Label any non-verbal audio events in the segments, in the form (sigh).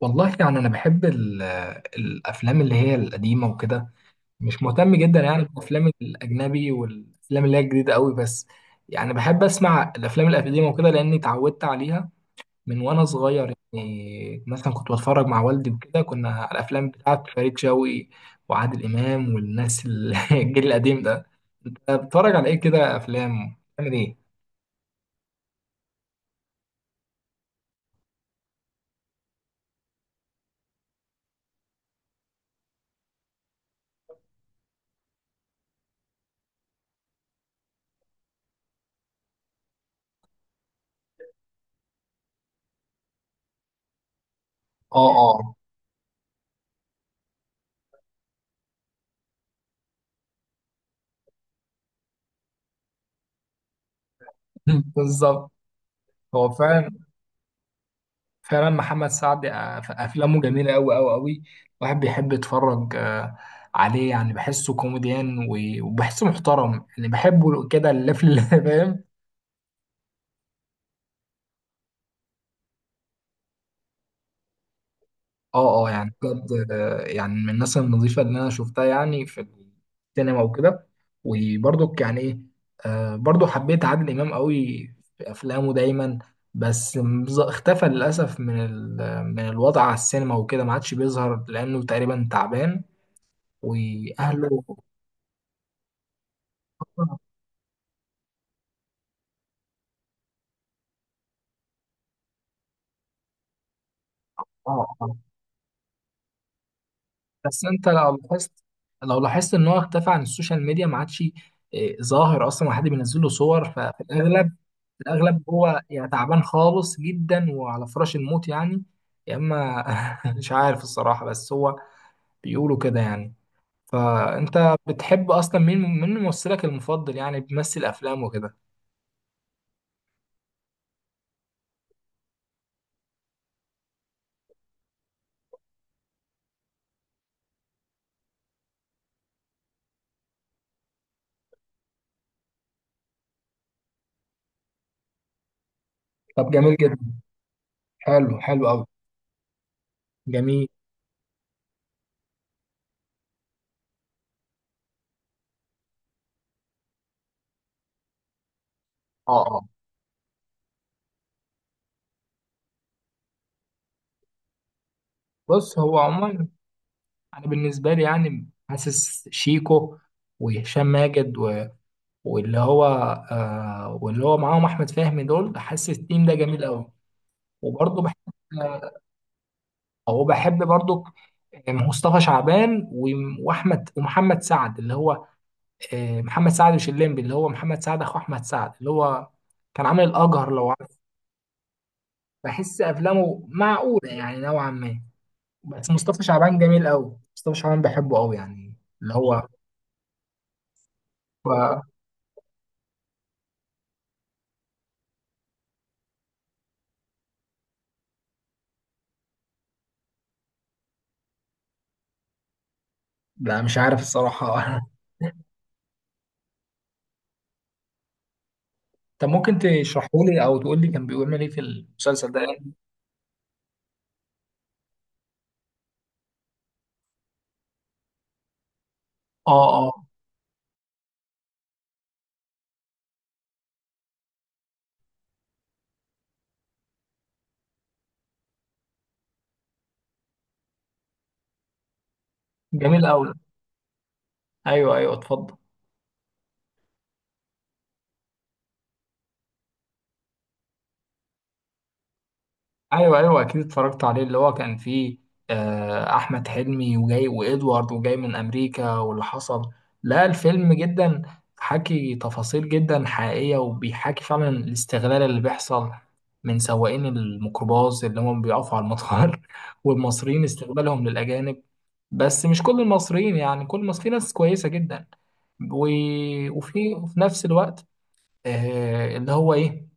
والله يعني انا بحب الافلام اللي هي القديمه وكده. مش مهتم جدا يعني بالافلام الاجنبي والافلام اللي هي الجديده قوي. بس يعني بحب اسمع الافلام القديمه وكده لاني اتعودت عليها من وانا صغير. يعني مثلا كنت بتفرج مع والدي وكده، كنا على الافلام بتاعت فريد شوقي وعادل امام والناس (laughs) الجيل القديم ده. انت بتتفرج على ايه كده؟ افلام بتعمل ايه؟ اه، اه، (laughs) بالظبط. هو فعلا فعلا محمد سعد، افلامه جميله قوي قوي قوي. الواحد بيحب يتفرج عليه. يعني بحسه كوميديان وبحسه محترم، يعني بحبه كده اللفل اللي (laughs) فاهم. اه، اه، يعني بجد يعني من الناس النظيفه اللي انا شفتها يعني في السينما وكده. وبرضك يعني ايه، برضو حبيت عادل امام قوي في افلامه دايما. بس اختفى للاسف من من الوضع على السينما وكده، ما عادش بيظهر لانه تقريبا تعبان واهله. اه، اه، بس انت لو لاحظت، لو لاحظت ان هو اختفى عن السوشيال ميديا، ما عادش ظاهر اصلا وحد بينزل له صور. ففي الاغلب في الاغلب هو يعني تعبان خالص جدا وعلى فراش الموت يعني، يا اما (laughs) مش عارف الصراحه، بس هو بيقولوا كده يعني. فانت بتحب اصلا مين؟ ممثلك المفضل يعني بيمثل افلام وكده؟ طب جميل جدا. حلو، حلو قوي. جميل. اه، اه، بص هو عموما انا بالنسبه لي يعني حاسس شيكو وهشام ماجد واللي هو، آه واللي هو معاهم احمد فهمي، دول حاسس التيم ده جميل قوي. وبرضه بحب، آه، او بحب برضه مصطفى شعبان واحمد ومحمد سعد اللي هو، محمد سعد مش الليمبي، اللي هو محمد سعد اخو احمد سعد اللي هو كان عامل الاجهر، لو عارف. بحس افلامه معقوله يعني نوعا ما. بس مصطفى شعبان جميل قوي، مصطفى شعبان بحبه قوي يعني. اللي هو هو- لا مش عارف الصراحه. (laughs) طب ممكن تشرحه لي او تقول لي كان بيعمل ايه في المسلسل ده؟ اه، اه، جميل قوي. ايوه، ايوه، اتفضل. ايوه، ايوه، اكيد اتفرجت عليه. اللي هو كان فيه احمد حلمي، وجاي وادوارد وجاي من امريكا واللي حصل. لا الفيلم جدا حكي تفاصيل جدا حقيقيه، وبيحكي فعلا الاستغلال اللي بيحصل من سواقين الميكروباص اللي هم بيقفوا على المطار، (laughs) والمصريين استغلالهم للاجانب. بس مش كل المصريين يعني، كل المصريين في ناس كويسه جدا. وفي وفي نفس الوقت، اللي هو ايه،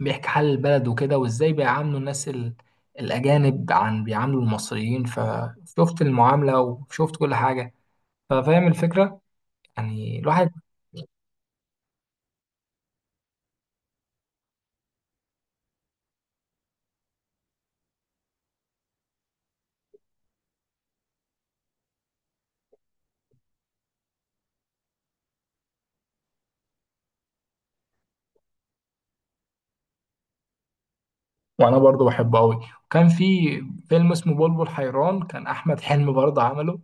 بيحكي حال البلد وكده، وازاي بيعاملوا الناس الاجانب عن بيعاملوا المصريين. فشفت المعامله وشفت كل حاجه، ففاهم الفكره يعني الواحد. وانا برضو بحبه قوي. وكان في فيلم اسمه بلبل حيران، كان احمد حلمي برضه عمله.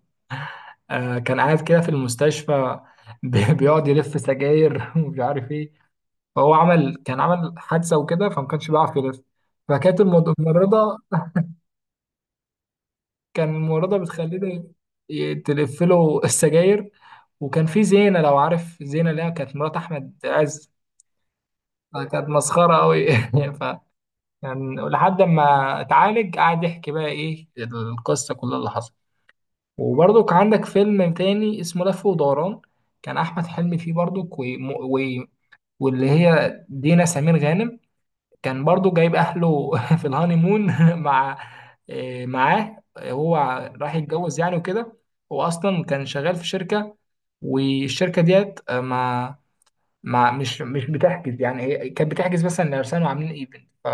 آه كان قاعد كده في المستشفى، (laughs) بيقعد يلف سجاير (laughs) ومش عارف ايه. فهو عمل، كان عمل حادثه وكده، فما كانش بيعرف يلف، فكانت الممرضه، كان الممرضة بتخليني تلف له السجاير. وكان في زينة، لو عارف زينة اللي هي كانت مرات أحمد عز، كانت مسخرة أوي. (laughs) ف يعني لحد ما اتعالج قعد يحكي بقى إيه القصة كلها اللي حصلت. وبرضه كان عندك فيلم تاني اسمه لف ودوران، كان أحمد حلمي فيه برضه واللي هي دينا سمير غانم. كان برضو جايب اهله (laughs) في الهانيمون (laughs) مع معاه. هو راح يتجوز يعني وكده. هو اصلا كان شغال في شركه، والشركه ديت آه، ما ما مش مش بتحجز يعني، هي كانت بتحجز مثلا لعرسان وعاملين ايفنت.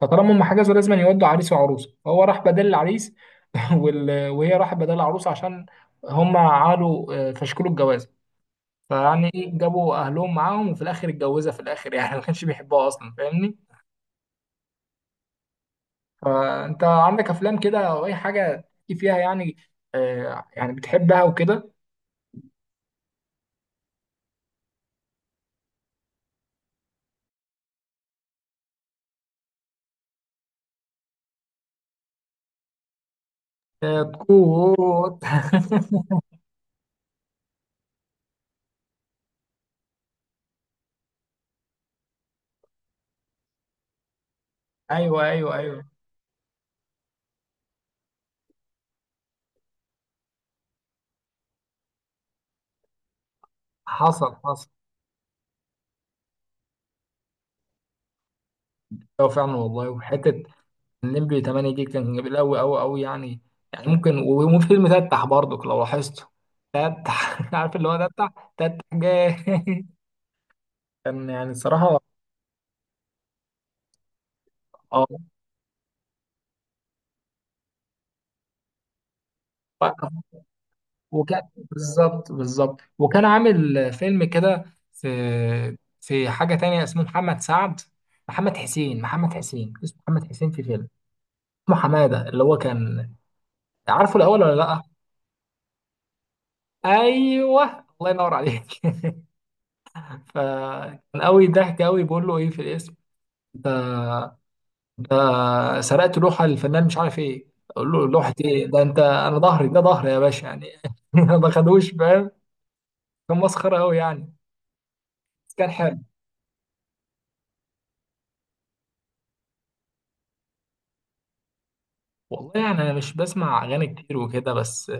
فطالما هم حجزوا لازم يودوا عريس وعروسه، فهو راح بدل العريس (laughs) وهي راحت بدل العروسه عشان هم عملوا فشكلوا الجواز. فيعني جابوا اهلهم معاهم وفي الاخر اتجوزها في الاخر يعني، (laughs) ما كانش بيحبها اصلا، فاهمني؟ فانت عندك افلام كده او اي حاجه تحكي فيها يعني آه يعني بتحبها وكده؟ آه، كوت. (laughs) ايوه، ايوه، ايوه. حصل، حصل. ايوه فعلا والله. وحته النمبي 8 دي كان جميل قوي قوي قوي يعني. يعني ممكن، وفي فيلم تتح برضك لو لاحظته، تتح (laughs) عارف اللي هو تتح، تتح جاي. (laughs) كان يعني الصراحه اه. وكان بالظبط، بالظبط، وكان عامل فيلم كده في، في حاجة تانية اسمه محمد سعد، محمد حسين، محمد حسين اسمه محمد حسين، في فيلم اسمه حمادة اللي هو كان، عارفه الأول ولا لأ؟ أيوه، الله ينور عليك. (laughs) فكان قوي، ضحك قوي، بيقول له إيه في الاسم ده؟ ده سرقت لوحة للفنان مش عارف إيه. أقول له لوحة إيه ده؟ أنت، أنا ظهري ده، ظهري يا باشا يعني. (laughs) ما خدوش فاهم، كان مسخرة قوي يعني. بس كان حلو. والله يعني انا مش بسمع اغاني كتير وكده، بس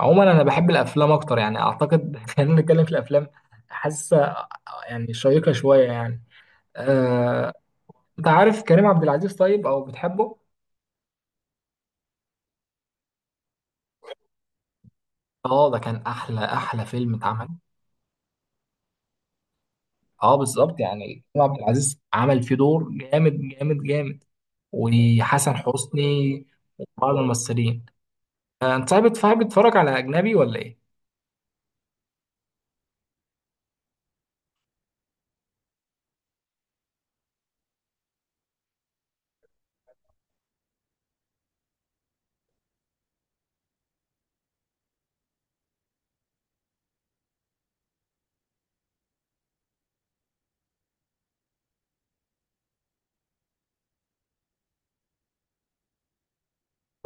عموما انا بحب الافلام اكتر يعني، اعتقد (laughs) خلينا نتكلم في الافلام، حاسه يعني شيقه شويه يعني. آه، انت عارف كريم عبد العزيز؟ طيب او بتحبه؟ اه ده كان احلى، احلى فيلم اتعمل. اه بالظبط يعني، كريم عبد العزيز عمل فيه دور جامد جامد جامد، وحسن حسني، بعض الممثلين. انت صاحب بتتفرج على اجنبي ولا ايه؟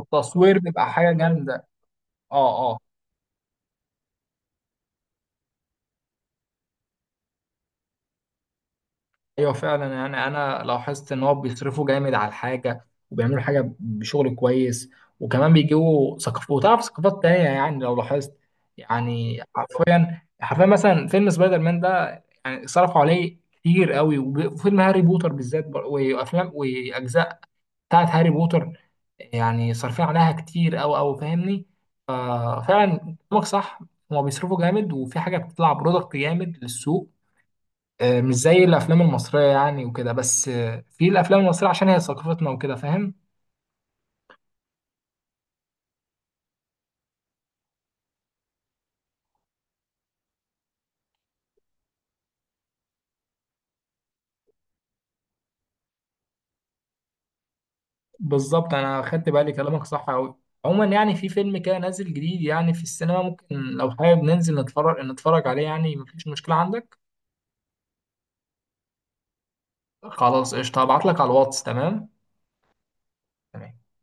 التصوير بيبقى حاجه جامده. اه، اه، ايوه فعلا. يعني انا لاحظت ان هو بيصرفوا جامد على الحاجه وبيعملوا حاجه بشغل كويس، وكمان بيجيبوا ثقافات وتعرف ثقافات تانية يعني، لو لاحظت، يعني حرفيا حرفيا، مثلا فيلم سبايدر مان ده يعني صرفوا عليه كتير قوي، وفيلم هاري بوتر بالذات، وافلام واجزاء بتاعت هاري بوتر يعني صارفين عليها كتير قوي قوي، فاهمني؟ ففعلا كلامك صح، هما بيصرفوا جامد وفي حاجه بتطلع برودكت جامد للسوق. مش زي الافلام المصريه يعني وكده، بس في الافلام المصريه عشان هي ثقافتنا وكده، فاهم؟ بالظبط انا خدت بالي، كلامك صح قوي. عموما يعني في فيلم كده نازل جديد يعني في السينما، ممكن لو حابب ننزل نتفرج، نتفرج عليه يعني؟ مفيش مشكله عندك. خلاص قشطه، هبعت لك على الواتس. تمام؟ تمام.